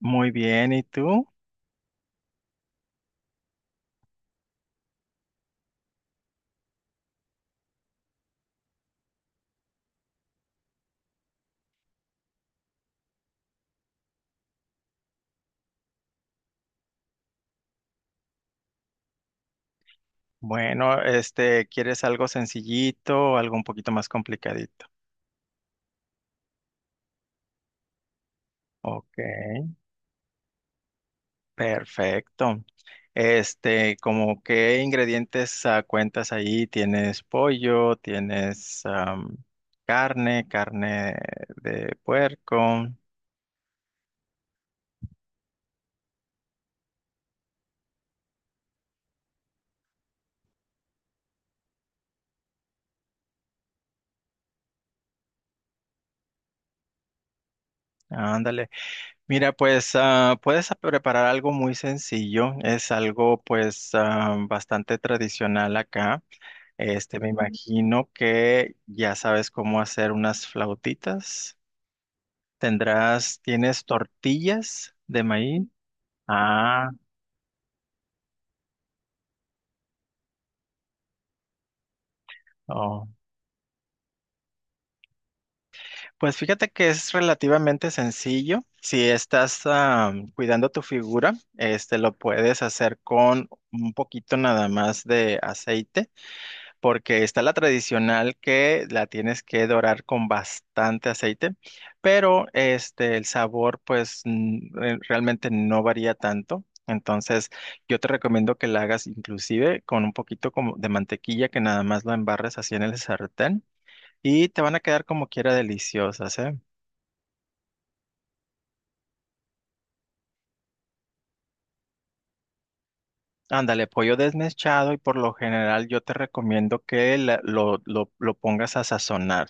Muy bien, ¿y tú? Bueno, este, ¿quieres algo sencillito o algo un poquito más complicadito? Ok, perfecto. Este, ¿como qué ingredientes cuentas ahí? ¿Tienes pollo? ¿Tienes carne? ¿Carne de puerco? Ándale. Mira, pues puedes preparar algo muy sencillo. Es algo pues bastante tradicional acá. Este, me imagino que ya sabes cómo hacer unas flautitas. Tendrás, ¿tienes tortillas de maíz? Ah, oh. Pues fíjate que es relativamente sencillo. Si estás cuidando tu figura, este lo puedes hacer con un poquito nada más de aceite. Porque está la tradicional que la tienes que dorar con bastante aceite, pero este el sabor pues realmente no varía tanto. Entonces, yo te recomiendo que la hagas inclusive con un poquito como de mantequilla que nada más lo embarres así en el sartén y te van a quedar como quiera deliciosas, ¿eh? Ándale, pollo desmechado y por lo general yo te recomiendo que lo pongas a sazonar.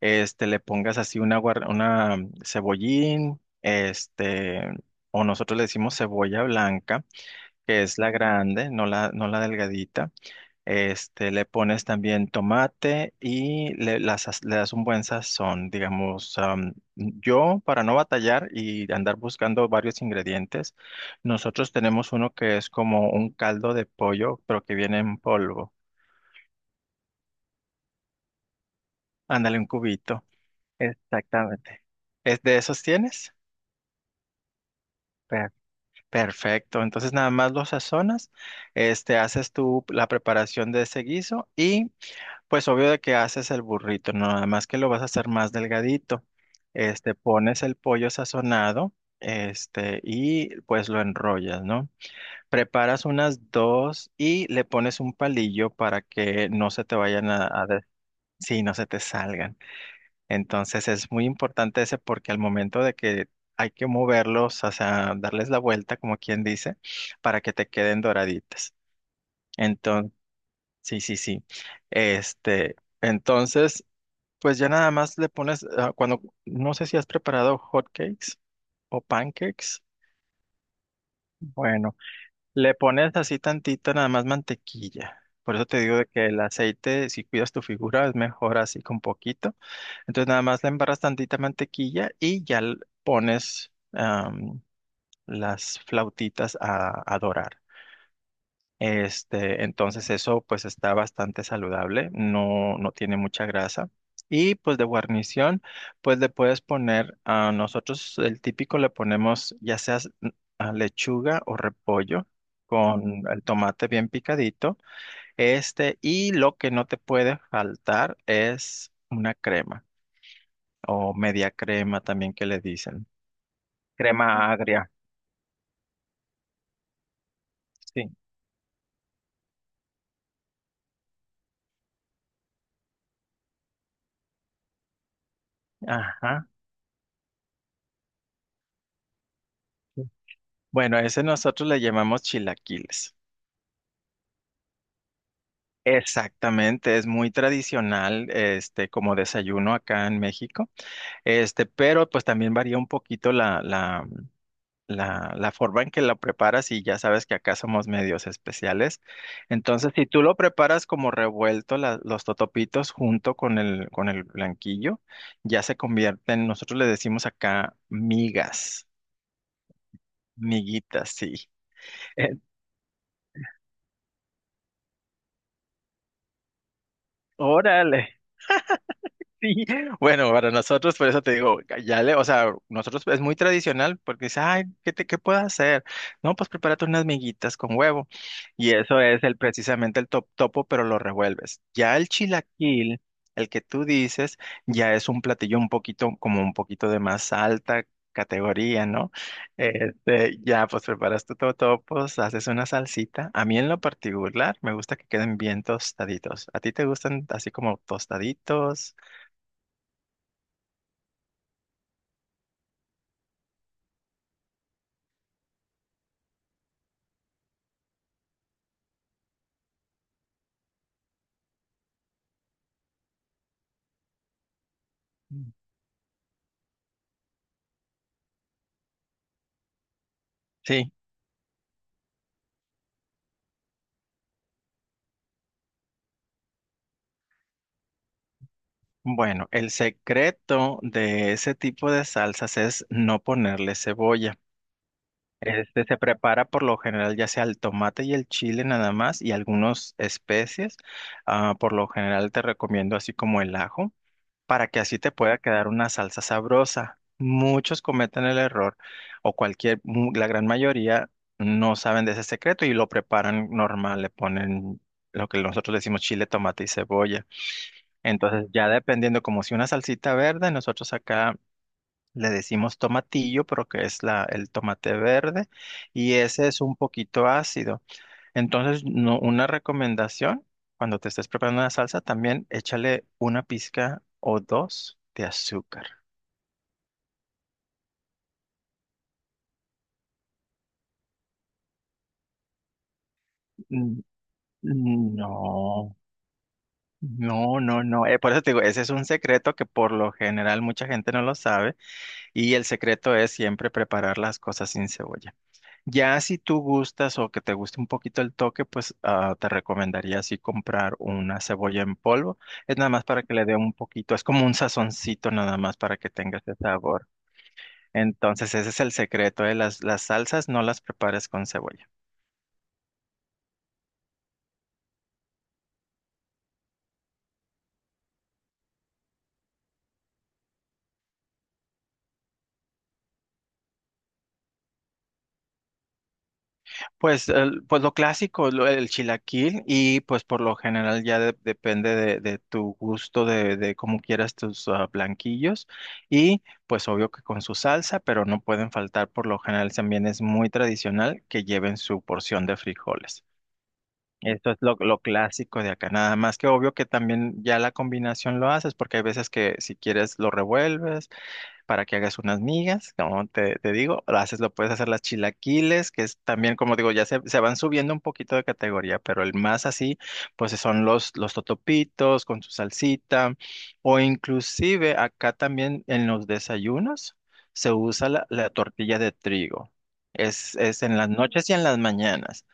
Este, le pongas así una cebollín, este, o nosotros le decimos cebolla blanca, que es la grande, no la delgadita. Este, le pones también tomate y le das un buen sazón, digamos. Yo, para no batallar y andar buscando varios ingredientes, nosotros tenemos uno que es como un caldo de pollo, pero que viene en polvo. Ándale, un cubito. Exactamente. ¿Es de esos tienes? Per- Perfecto. Entonces nada más lo sazonas, este, haces tú la preparación de ese guiso y pues obvio de que haces el burrito, no nada más que lo vas a hacer más delgadito. Este, pones el pollo sazonado, este, y pues lo enrollas, ¿no? Preparas unas dos y le pones un palillo para que no se te vayan. Sí, no se te salgan. Entonces es muy importante ese porque al momento de que hay que moverlos, o sea, darles la vuelta, como quien dice, para que te queden doraditas. Entonces, sí, sí, sí. Este, entonces pues ya nada más le pones, cuando, no sé si has preparado hotcakes o pancakes. Bueno, le pones así tantita nada más mantequilla. Por eso te digo de que el aceite, si cuidas tu figura, es mejor así con poquito. Entonces nada más le embarras tantita mantequilla y ya pones las flautitas a dorar. Este, entonces eso pues está bastante saludable, no, no tiene mucha grasa. Y pues de guarnición, pues le puedes poner, a nosotros el típico le ponemos ya sea lechuga o repollo con el tomate bien picadito. Este, y lo que no te puede faltar es una crema o media crema también que le dicen. Crema agria. Sí. Ajá. Bueno, a ese nosotros le llamamos chilaquiles. Exactamente, es muy tradicional, este, como desayuno acá en México, este, pero pues también varía un poquito la forma en que lo preparas y ya sabes que acá somos medios especiales. Entonces, si tú lo preparas como revuelto, los totopitos junto con el blanquillo, ya se convierten, nosotros le decimos acá migas, miguitas, sí. Eh. Órale. Sí, bueno, para nosotros, por eso te digo, ya le, o sea, nosotros es muy tradicional porque dice, ay, ¿qué puedo hacer? No, pues prepárate unas miguitas con huevo. Y eso es el precisamente el topo, pero lo revuelves. Ya el chilaquil, el que tú dices, ya es un platillo un poquito, como un poquito de más alta categoría, ¿no? Este, ya pues preparas tu totopos, haces una salsita. A mí en lo particular me gusta que queden bien tostaditos. ¿A ti te gustan así como tostaditos? Sí, bueno, el secreto de ese tipo de salsas es no ponerle cebolla. Este se prepara por lo general ya sea el tomate y el chile nada más y algunas especies. Ah, por lo general te recomiendo así como el ajo para que así te pueda quedar una salsa sabrosa. Muchos cometen el error o cualquier, la gran mayoría no saben de ese secreto y lo preparan normal, le ponen lo que nosotros le decimos chile, tomate y cebolla. Entonces, ya dependiendo, como si una salsita verde, nosotros acá le decimos tomatillo, pero que es la, el tomate verde, y ese es un poquito ácido. Entonces, no, una recomendación, cuando te estés preparando una salsa, también échale una pizca o dos de azúcar. N- No, no, no, no. Por eso te digo, ese es un secreto que por lo general mucha gente no lo sabe, y el secreto es siempre preparar las cosas sin cebolla. Ya si tú gustas o que te guste un poquito el toque, pues te recomendaría así comprar una cebolla en polvo. Es nada más para que le dé un poquito, es como un sazoncito nada más para que tenga ese sabor. Entonces ese es el secreto, ¿eh? Las salsas no las prepares con cebolla. Pues, pues lo clásico, el chilaquil y pues por lo general ya depende de tu gusto, de cómo quieras tus blanquillos y pues obvio que con su salsa, pero no pueden faltar por lo general también es muy tradicional que lleven su porción de frijoles. Esto es lo clásico de acá, nada más que obvio que también ya la combinación lo haces porque hay veces que si quieres lo revuelves para que hagas unas migas, como te digo, lo haces, lo puedes hacer las chilaquiles, que es también, como digo, ya se van subiendo un poquito de categoría, pero el más así, pues son los totopitos con su salsita, o inclusive acá también en los desayunos se usa la tortilla de trigo. Es en las noches y en las mañanas.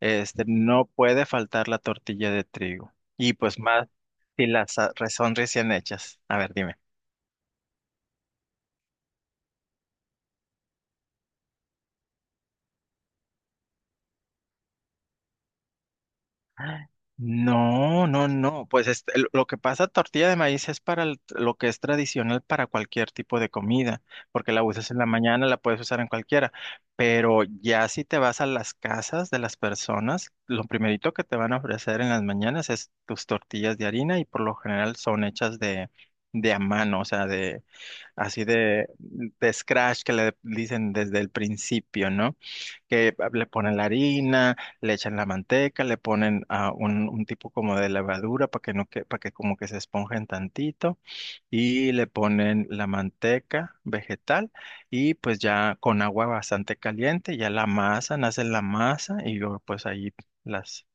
Este, no puede faltar la tortilla de trigo. Y pues más si las son recién hechas. A ver, dime. No, no, no. Pues este, lo que pasa, tortilla de maíz es para lo que es tradicional para cualquier tipo de comida, porque la usas en la mañana, la puedes usar en cualquiera. Pero ya si te vas a las casas de las personas, lo primerito que te van a ofrecer en las mañanas es tus tortillas de harina y por lo general son hechas de a mano, o sea, de así de scratch que le dicen desde el principio, ¿no? Que le ponen la harina, le echan la manteca, le ponen un tipo como de levadura para que no que, para que como que se esponjen tantito y le ponen la manteca vegetal y pues ya con agua bastante caliente ya la amasan, hacen la masa y luego pues ahí las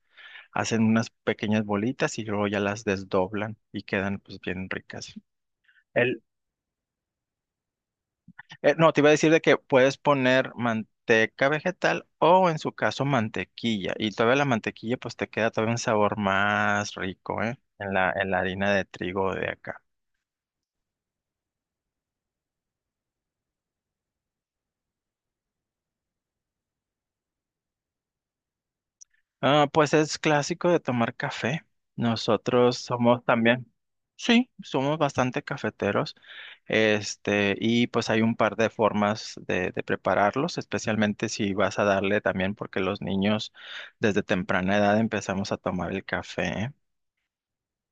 hacen unas pequeñas bolitas y luego ya las desdoblan y quedan pues bien ricas. El, no, te iba a decir de que puedes poner manteca vegetal o en su caso mantequilla. Y todavía la mantequilla pues te queda todavía un sabor más rico, ¿eh? En la harina de trigo de acá. Ah, pues es clásico de tomar café. Nosotros somos también, sí, somos bastante cafeteros. Este, y pues hay un par de formas de prepararlos, especialmente si vas a darle también, porque los niños desde temprana edad empezamos a tomar el café. ¿Eh?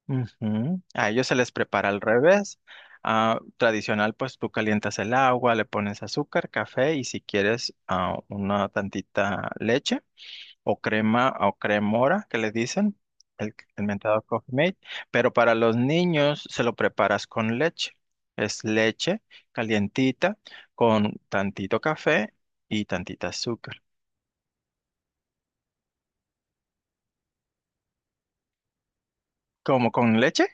Ujú. A ellos se les prepara al revés. Ah, tradicional, pues tú calientas el agua, le pones azúcar, café y si quieres una tantita leche o crema o cremora que le dicen, el mentado Coffee Mate. Pero para los niños se lo preparas con leche. Es leche calientita con tantito café y tantita azúcar. ¿Cómo con leche?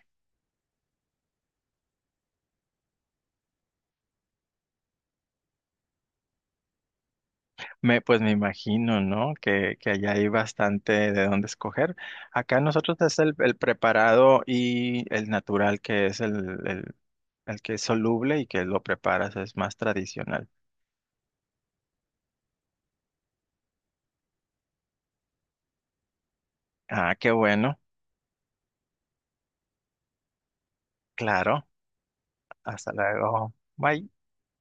Pues me imagino, ¿no? Que allá hay bastante de dónde escoger. Acá nosotros es el preparado y el natural, que es el, el que es soluble y que lo preparas, es más tradicional. Ah, qué bueno. Claro. Hasta luego. Bye.